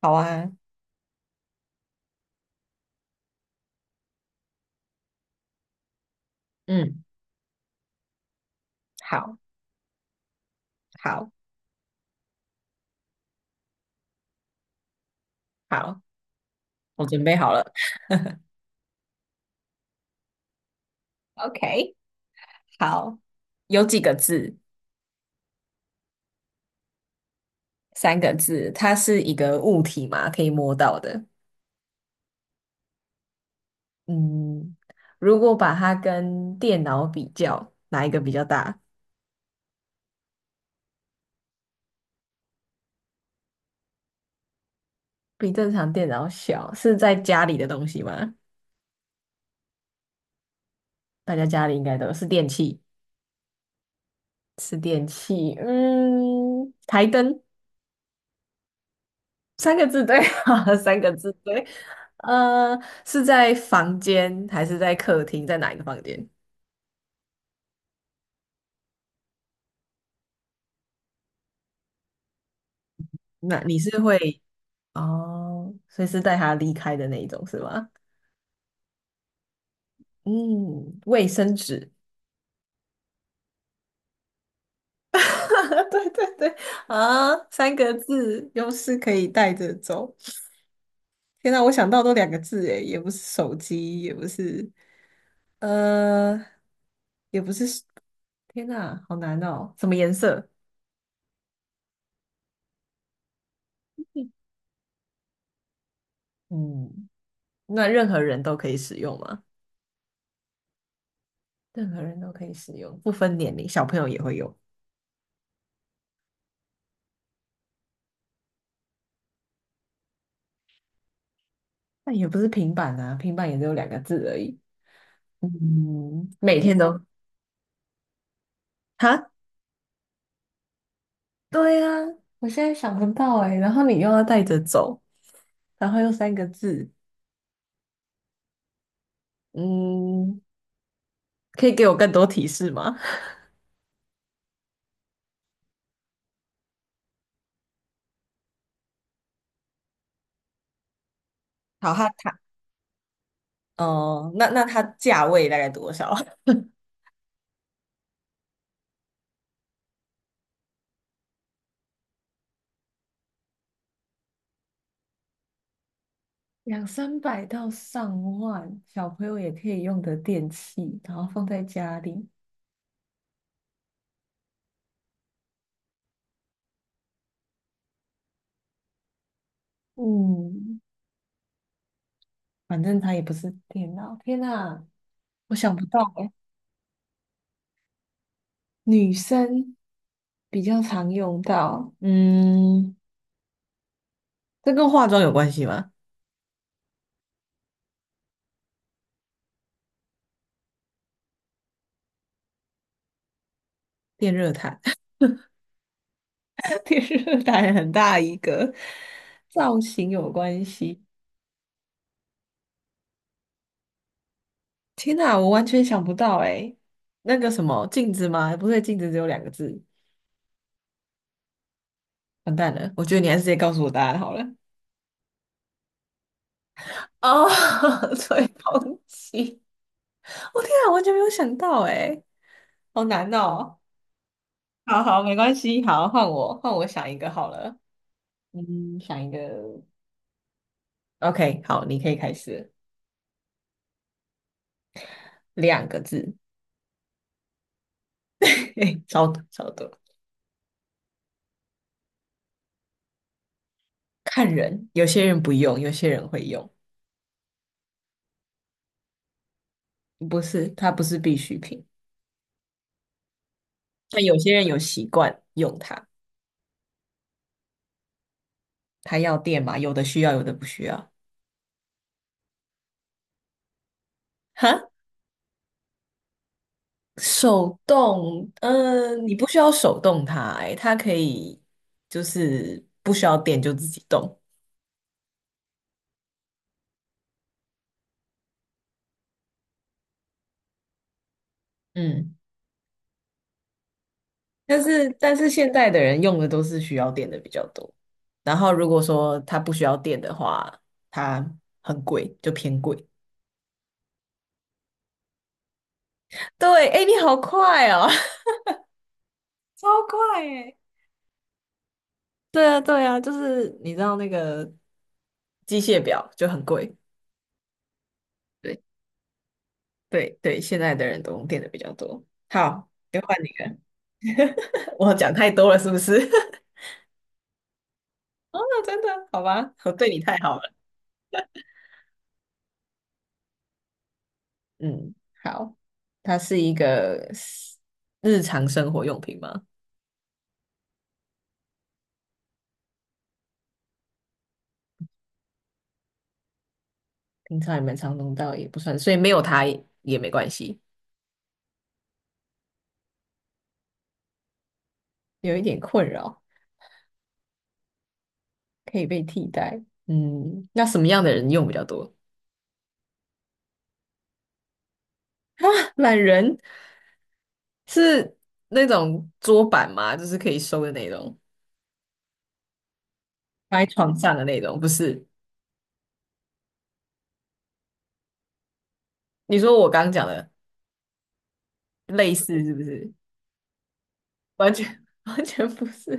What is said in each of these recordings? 好啊。嗯，好，好，好，我准备好了。，OK，好，有几个字？三个字。它是一个物体嘛，可以摸到的。嗯，如果把它跟电脑比较，哪一个比较大？比正常电脑小，是在家里的东西吗？大家家里应该都有，是电器，是电器。嗯，台灯。三个字对啊，三个字对。呃，是在房间还是在客厅？在哪一个房间？那你是会，哦，所以是带他离开的那一种是吗？嗯，卫生纸。对对对，啊，三个字，又是可以带着走。天哪，我想到都两个字诶，也不是手机，也不是，呃，也不是。天哪，好难哦。什么颜色？嗯。那任何人都可以使用吗？任何人都可以使用，不分年龄，小朋友也会用。那也不是平板啊，平板也只有两个字而已。嗯，每天都，哈？对啊，我现在想不到哎、然后你又要带着走，然后又三个字，嗯，可以给我更多提示吗？好，它，哦、那它价位大概多少？两三百到上万，小朋友也可以用的电器，然后放在家里。嗯，反正它也不是电脑。天呐，我想不到哎，女生比较常用到，嗯，这跟化妆有关系吗？电热毯，电热毯很大一个，造型有关系。天呐，我完全想不到哎，那个什么镜子吗？不对，镜子只有两个字，完蛋了，我觉得你还是直接告诉我答案好了。哦，吹风机，我天啊，完全没有想到哎，好难哦。好好，没关系，好，换我，换我想一个好了。嗯，想一个。OK，好，你可以开始，两个字，嘿超多超多。看人，有些人不用，有些人会用，不是，它不是必需品，但有些人有习惯用它，它要电嘛，有的需要，有的不需要。哈，手动，嗯，你不需要手动它、欸，它可以就是不需要电就自己动，嗯。但是现在的人用的都是需要电的比较多，然后如果说它不需要电的话，它很贵，就偏贵。对，哎，你好快哦！超快诶。对啊，对啊，就是你知道那个机械表就很贵。对对对，现在的人都用电的比较多。好，就换你了。我讲太多了，是不是？哦，真的，好吧，我对你太好了。嗯，好，它是一个日常生活用品吗？平常也蛮常用到，也不算，所以没有它也没关系，有一点困扰，可以被替代。嗯，那什么样的人用比较多？懒人，是那种桌板吗？就是可以收的那种，放在床上的那种，不是？你说我刚刚讲的类似是不是？完全 完全不是。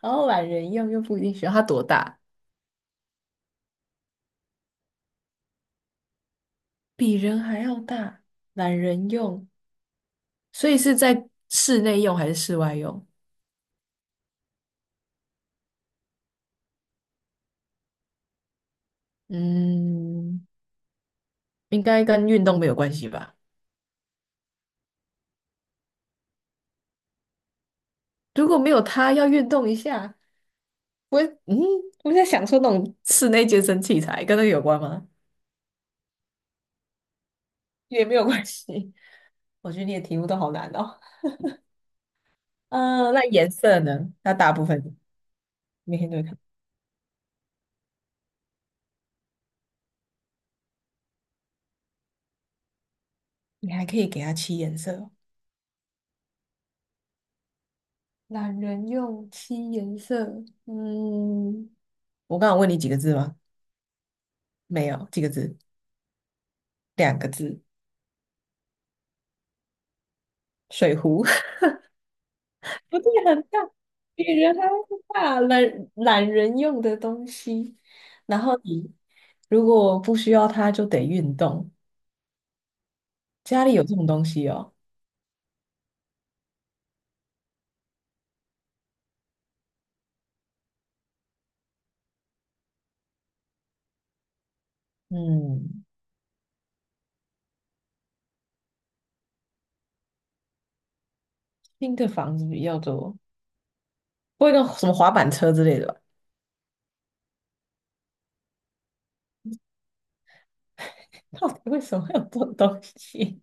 然后懒人用又不一定需要，它多大？比人还要大，懒人用，所以是在室内用还是室外用？嗯，应该跟运动没有关系吧？如果没有他要运动一下。我嗯，我在想说那种室内健身器材跟那个有关吗？也没有关系。我觉得你的题目都好难哦。嗯，那颜色呢？那大部分每天都会看，你还可以给它七颜色哦。懒人用七颜色，嗯，我刚刚问你几个字吗？没有，几个字？两个字。水壶。不对，很大，比人还要大，懒人用的东西。然后你如果不需要它，就得运动。家里有这种东西哦，嗯，新的房子比较多，不会跟什么滑板车之类的吧？到底为什么会有这种东西？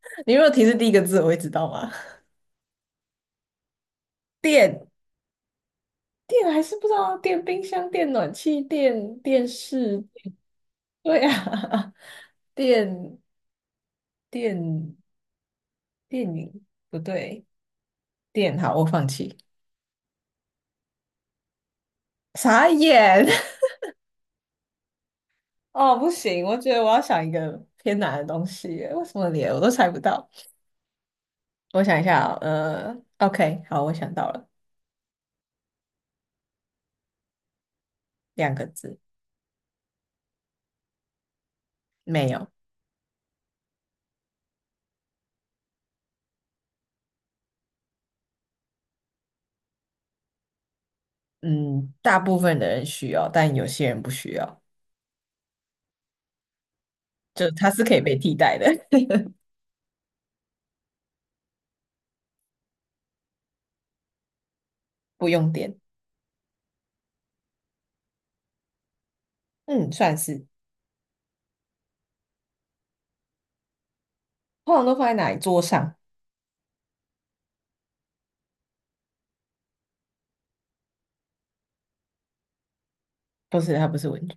你如果提示第一个字，我会知道吗？电，电还是不知道啊，电冰箱、电暖气、电视，对啊，电，电，电影不对。电，好，我放弃。傻眼！哦，不行，我觉得我要想一个偏难的东西耶，为什么连我都猜不到？我想一下哦，OK，好，我想到了，两个字，没有。嗯，大部分的人需要，但有些人不需要，就它是可以被替代的，不用电。嗯，算是，通常都放在哪里？桌上？不是，它不是文具，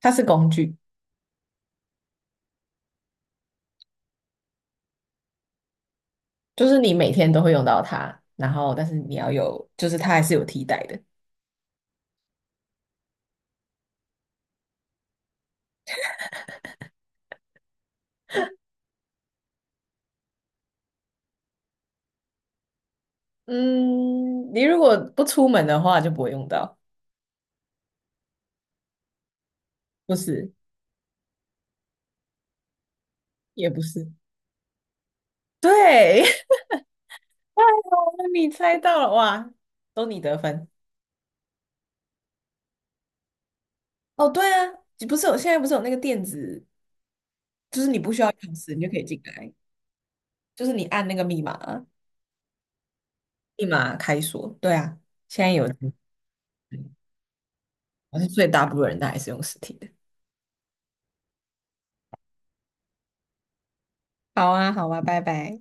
它是工具，就是你每天都会用到它，然后但是你要有，就是它还是有替代的。嗯，你如果不出门的话就不会用到，不是，也不是，对，太好了，你猜到了哇，都你得分。哦，对啊，你不是有，现在不是有那个电子，就是你不需要钥匙，你就可以进来，就是你按那个密码，密码开锁。对啊，现在有，我是，最大部分人都还是用实体的。好啊，好啊，拜拜。